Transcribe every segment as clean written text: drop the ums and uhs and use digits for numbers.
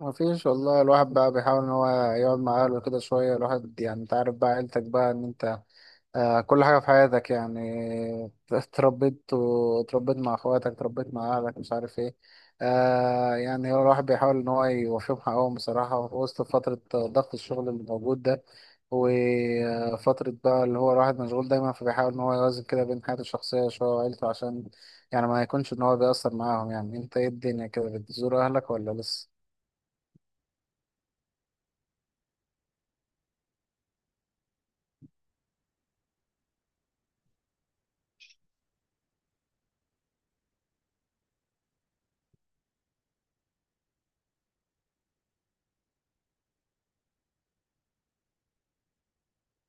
ما فيش والله، الواحد بقى بيحاول ان هو يقعد مع اهله كده شويه. الواحد يعني انت عارف بقى عيلتك بقى ان انت كل حاجه في حياتك يعني اتربيت واتربيت مع اخواتك، اتربيت مع اهلك، مش عارف ايه. يعني هو الواحد بيحاول ان هو يوفيهم حقهم بصراحه، في وسط فتره ضغط الشغل اللي موجود ده، وفترة بقى اللي هو الواحد مشغول دايما، فبيحاول إن هو يوازن كده بين حياته الشخصية شوية وعيلته، عشان يعني ما يكونش إن هو بيأثر معاهم. يعني أنت إيه الدنيا كده، بتزور أهلك ولا لسه؟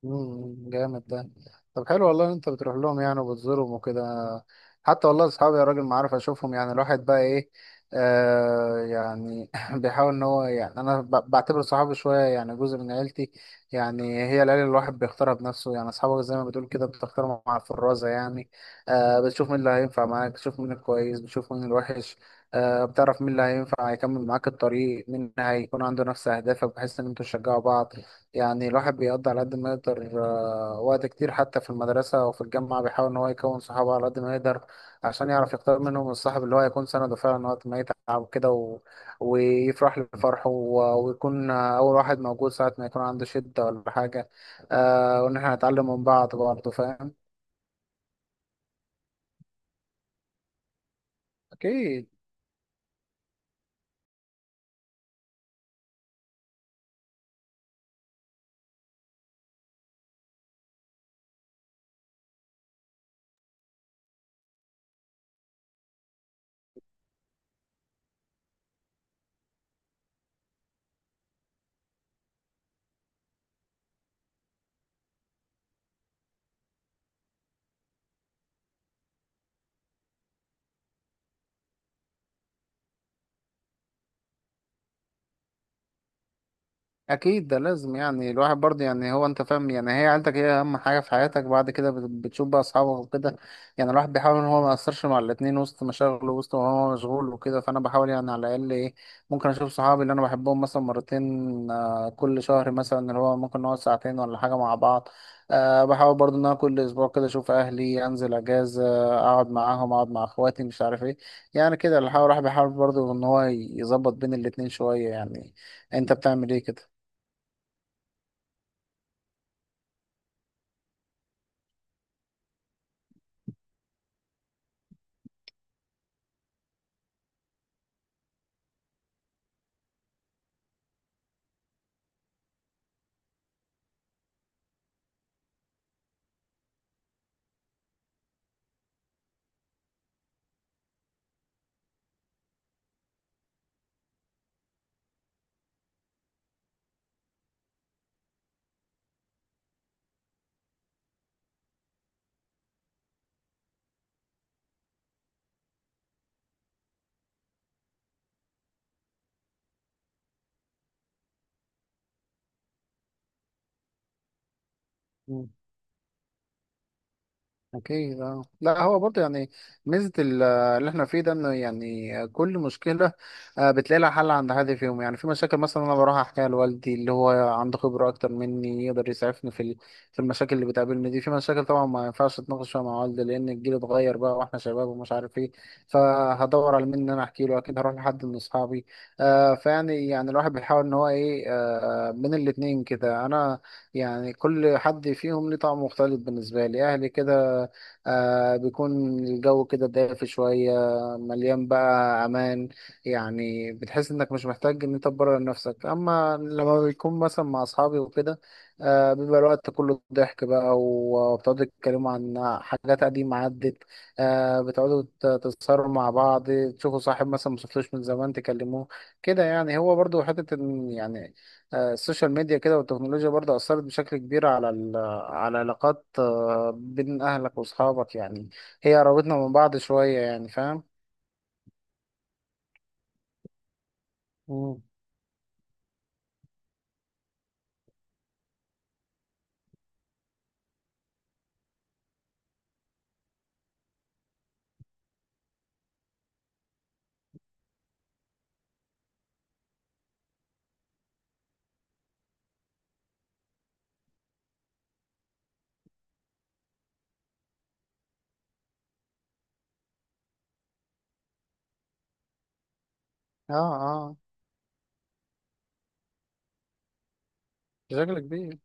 مم، جامد ده. طب حلو والله ان انت بتروح لهم يعني وبتزورهم وكده. حتى والله اصحابي يا راجل ما عارف اشوفهم، يعني الواحد بقى ايه. يعني بيحاول ان هو يعني، انا بعتبر صحابي شويه يعني جزء من عيلتي يعني. هي العيله اللي الواحد بيختارها بنفسه، يعني اصحابك زي ما بتقول كده بتختارهم مع الفرازه يعني. آه، بتشوف مين اللي هينفع معاك، بتشوف مين الكويس، بتشوف مين الوحش. آه، بتعرف مين اللي هينفع هيكمل معاك الطريق، مين هيكون عنده نفس اهدافك، بحيث ان انتوا تشجعوا بعض يعني. الواحد بيقضي على قد ما يقدر، وقت كتير حتى في المدرسة أو في الجامعة، بيحاول إن هو يكون صحابه على قد ما يقدر، عشان يعرف يختار منهم الصاحب اللي هو يكون سنده فعلا وقت ما يتعب كده، ويفرح لفرحه، ويكون أول واحد موجود ساعة ما يكون عنده شدة ولا حاجة. آه، وإن إحنا نتعلم من بعض برضه، فاهم. أكيد. اكيد ده لازم يعني. الواحد برضه يعني، هو انت فاهم يعني، هي عيلتك هي اهم حاجه في حياتك، بعد كده بتشوف بقى اصحابك وكده. يعني الواحد بيحاول ان هو ما ياثرش مع الاتنين، وسط مشاغله، وسط ما هو مشغول وكده، فانا بحاول يعني على الاقل ايه، ممكن اشوف صحابي اللي انا بحبهم مثلا مرتين كل شهر مثلا، اللي هو ممكن نقعد ساعتين ولا حاجه مع بعض. أه، بحاول برضه ان انا كل اسبوع كده اشوف اهلي، انزل اجازه، اقعد معاهم، اقعد مع اخواتي، مش عارف ايه. يعني كده الواحد بيحاول برضه ان هو يظبط بين الاتنين شويه يعني. انت بتعمل ايه كده؟ مم. أكيد. أه، لا هو برضه يعني ميزة اللي إحنا فيه ده، إنه يعني كل مشكلة بتلاقي لها حل عند حد فيهم. يعني في مشاكل مثلا أنا بروح أحكيها لوالدي اللي هو عنده خبرة أكتر مني، يقدر يسعفني في في المشاكل اللي بتقابلني دي. في مشاكل طبعا ما ينفعش أتناقش فيها مع والدي، لأن الجيل اتغير بقى وإحنا شباب ومش عارف إيه، فهدور على مين إن أنا أحكي له؟ أكيد هروح لحد من أصحابي. آه، يعني الواحد بيحاول إن هو إيه، من الاتنين كده. أنا يعني كل حد فيهم ليه طعم مختلف بالنسبة لي. أهلي كده بيكون الجو كده دافي شوية، مليان بقى أمان. يعني بتحس إنك مش محتاج إن أنت تبرر نفسك. أما لما بيكون مثلا مع أصحابي وكده، آه، بيبقى الوقت كله ضحك بقى، وبتقعدوا تتكلموا عن حاجات قديمة عدت. آه، بتقعدوا تتصاروا مع بعض، تشوفوا صاحب مثلا مشفتوش من زمان تكلموه كده. يعني هو برضو حتة إن يعني، آه، السوشيال ميديا كده والتكنولوجيا برضو أثرت بشكل كبير على على علاقات بين أهلك وأصحابك يعني. هي قربتنا من بعض شوية يعني، فاهم. مم. اه. اه، بشكل كبير.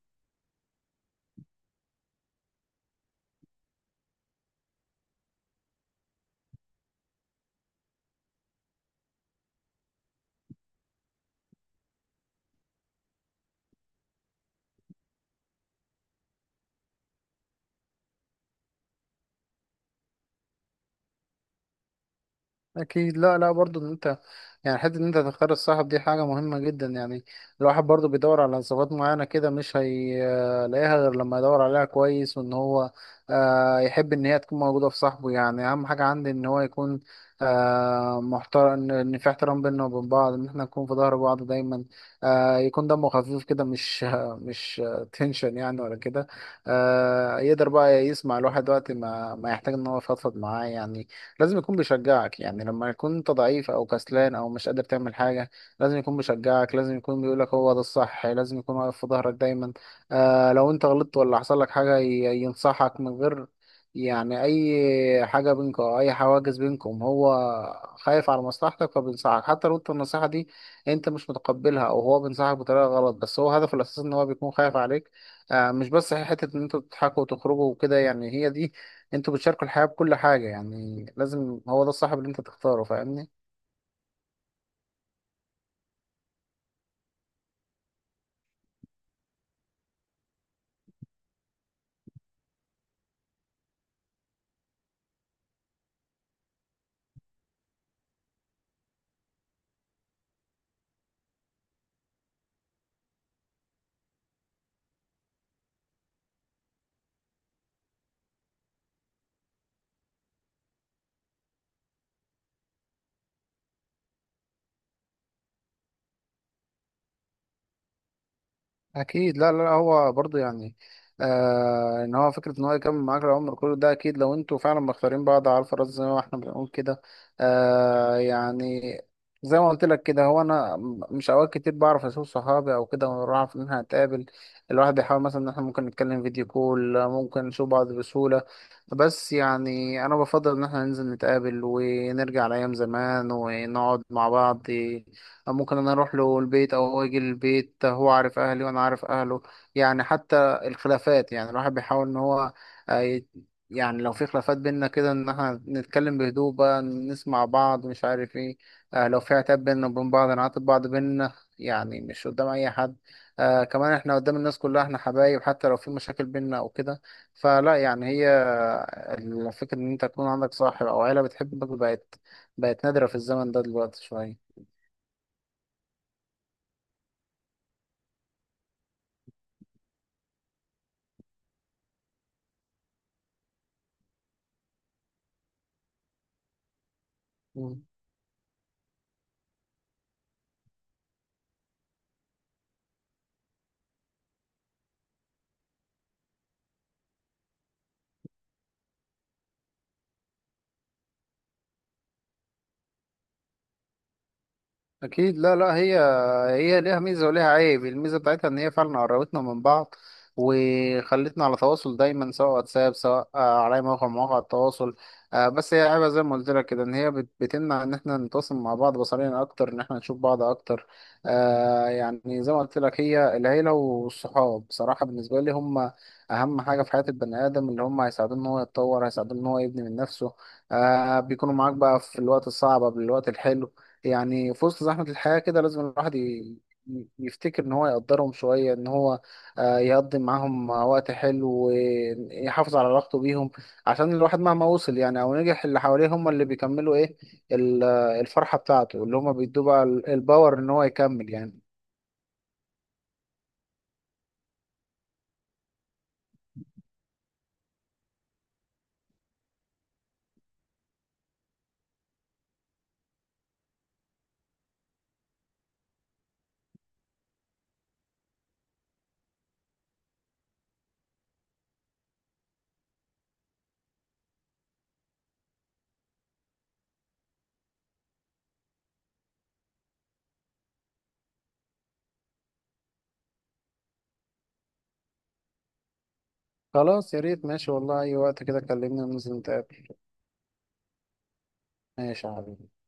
أكيد، لا لا برضو إن أنت يعني حتة إن أنت تختار الصاحب، دي حاجة مهمة جدا يعني. الواحد برضو بيدور على صفات معينة كده، مش هيلاقيها غير لما يدور عليها كويس، وإن هو يحب إن هي تكون موجودة في صاحبه. يعني أهم حاجة عندي إن هو يكون محترم، إن في احترام بيننا وبين بعض، إن إحنا نكون في ظهر بعض دايما. آه، يكون دمه خفيف كده، مش تنشن يعني ولا كده. آه، يقدر بقى يسمع الواحد وقت ما يحتاج إن هو يفضفض معاه يعني. لازم يكون بيشجعك، يعني لما يكون انت ضعيف او كسلان او مش قادر تعمل حاجه، لازم يكون بيشجعك، لازم يكون بيقولك هو ده الصح، لازم يكون واقف في ظهرك دايما. آه، لو انت غلطت ولا حصل لك حاجه، ينصحك من غير يعني اي حاجه بينكم او اي حواجز بينكم. هو خايف على مصلحتك فبينصحك، حتى لو انت النصيحه دي انت مش متقبلها، او هو بينصحك بطريقه غلط، بس هو هدفه الاساسي ان هو بيكون خايف عليك. آه، مش بس حته ان انتوا تضحكوا وتخرجوا وكده يعني، هي دي، انتوا بتشاركوا الحياة بكل حاجة يعني. لازم هو ده الصاحب اللي انت تختاره، فاهمني. اكيد، لا لا لا، هو برضه يعني، آه، ان هو فكره ان هو يكمل معاك العمر كله ده اكيد، لو انتوا فعلا مختارين بعض على الفراز زي ما احنا بنقول كده. آه، يعني زي ما قلت لك كده، هو انا مش اوقات كتير بعرف اشوف صحابي او كده ونروح اعرف ان احنا هنتقابل. الواحد بيحاول مثلا ان احنا ممكن نتكلم فيديو كول، ممكن نشوف بعض بسهوله، بس يعني انا بفضل ان احنا ننزل نتقابل ونرجع لايام زمان ونقعد مع بعض. ممكن انا اروح له البيت او هو يجي البيت، هو عارف اهلي وانا عارف اهله. يعني حتى الخلافات، يعني الواحد بيحاول ان هو آه، ي- يعني لو في خلافات بينا كده، ان احنا نتكلم بهدوء بقى، نسمع بعض، مش عارف ايه. آه، لو في عتاب بينا وبين بعض، نعاتب بعض بينا يعني، مش قدام اي حد. آه، كمان احنا قدام الناس كلها احنا حبايب، حتى لو في مشاكل بينا او كده. فلا يعني هي آه، الفكرة ان انت تكون عندك صاحب او عيلة بتحبك، بقت بقت نادرة في الزمن ده دلوقتي شوية. اكيد، لا لا، هي هي ليها ميزه وليها عيب. الميزه بتاعتها ان هي فعلا قربتنا من بعض وخلتنا على تواصل دايما، سواء واتساب، سواء على أي موقع من مواقع التواصل. آه، بس هي عيبها زي ما قلت لك كده، ان هي بتمنع ان احنا نتواصل مع بعض بصريا اكتر، ان احنا نشوف بعض اكتر. آه، يعني زي ما قلت لك، هي العيله والصحاب بصراحه بالنسبه لي هم اهم حاجه في حياه البني ادم، اللي هم هيساعدوه ان هو يتطور، هيساعدوه ان هو يبني من نفسه. آه، بيكونوا معاك بقى في الوقت الصعب قبل الوقت الحلو. يعني في وسط زحمة الحياة كده، لازم الواحد يفتكر إن هو يقدرهم شوية، إن هو يقضي معاهم وقت حلو ويحافظ على علاقته بيهم. عشان الواحد مهما وصل يعني أو نجح، اللي حواليه هم اللي بيكملوا إيه الفرحة بتاعته. اللي هم بيدوه بقى الباور إن هو يكمل يعني. خلاص يا ريت، ماشي والله، أي وقت كده كلمني وننزل نتقابل. ماشي يا حبيبي.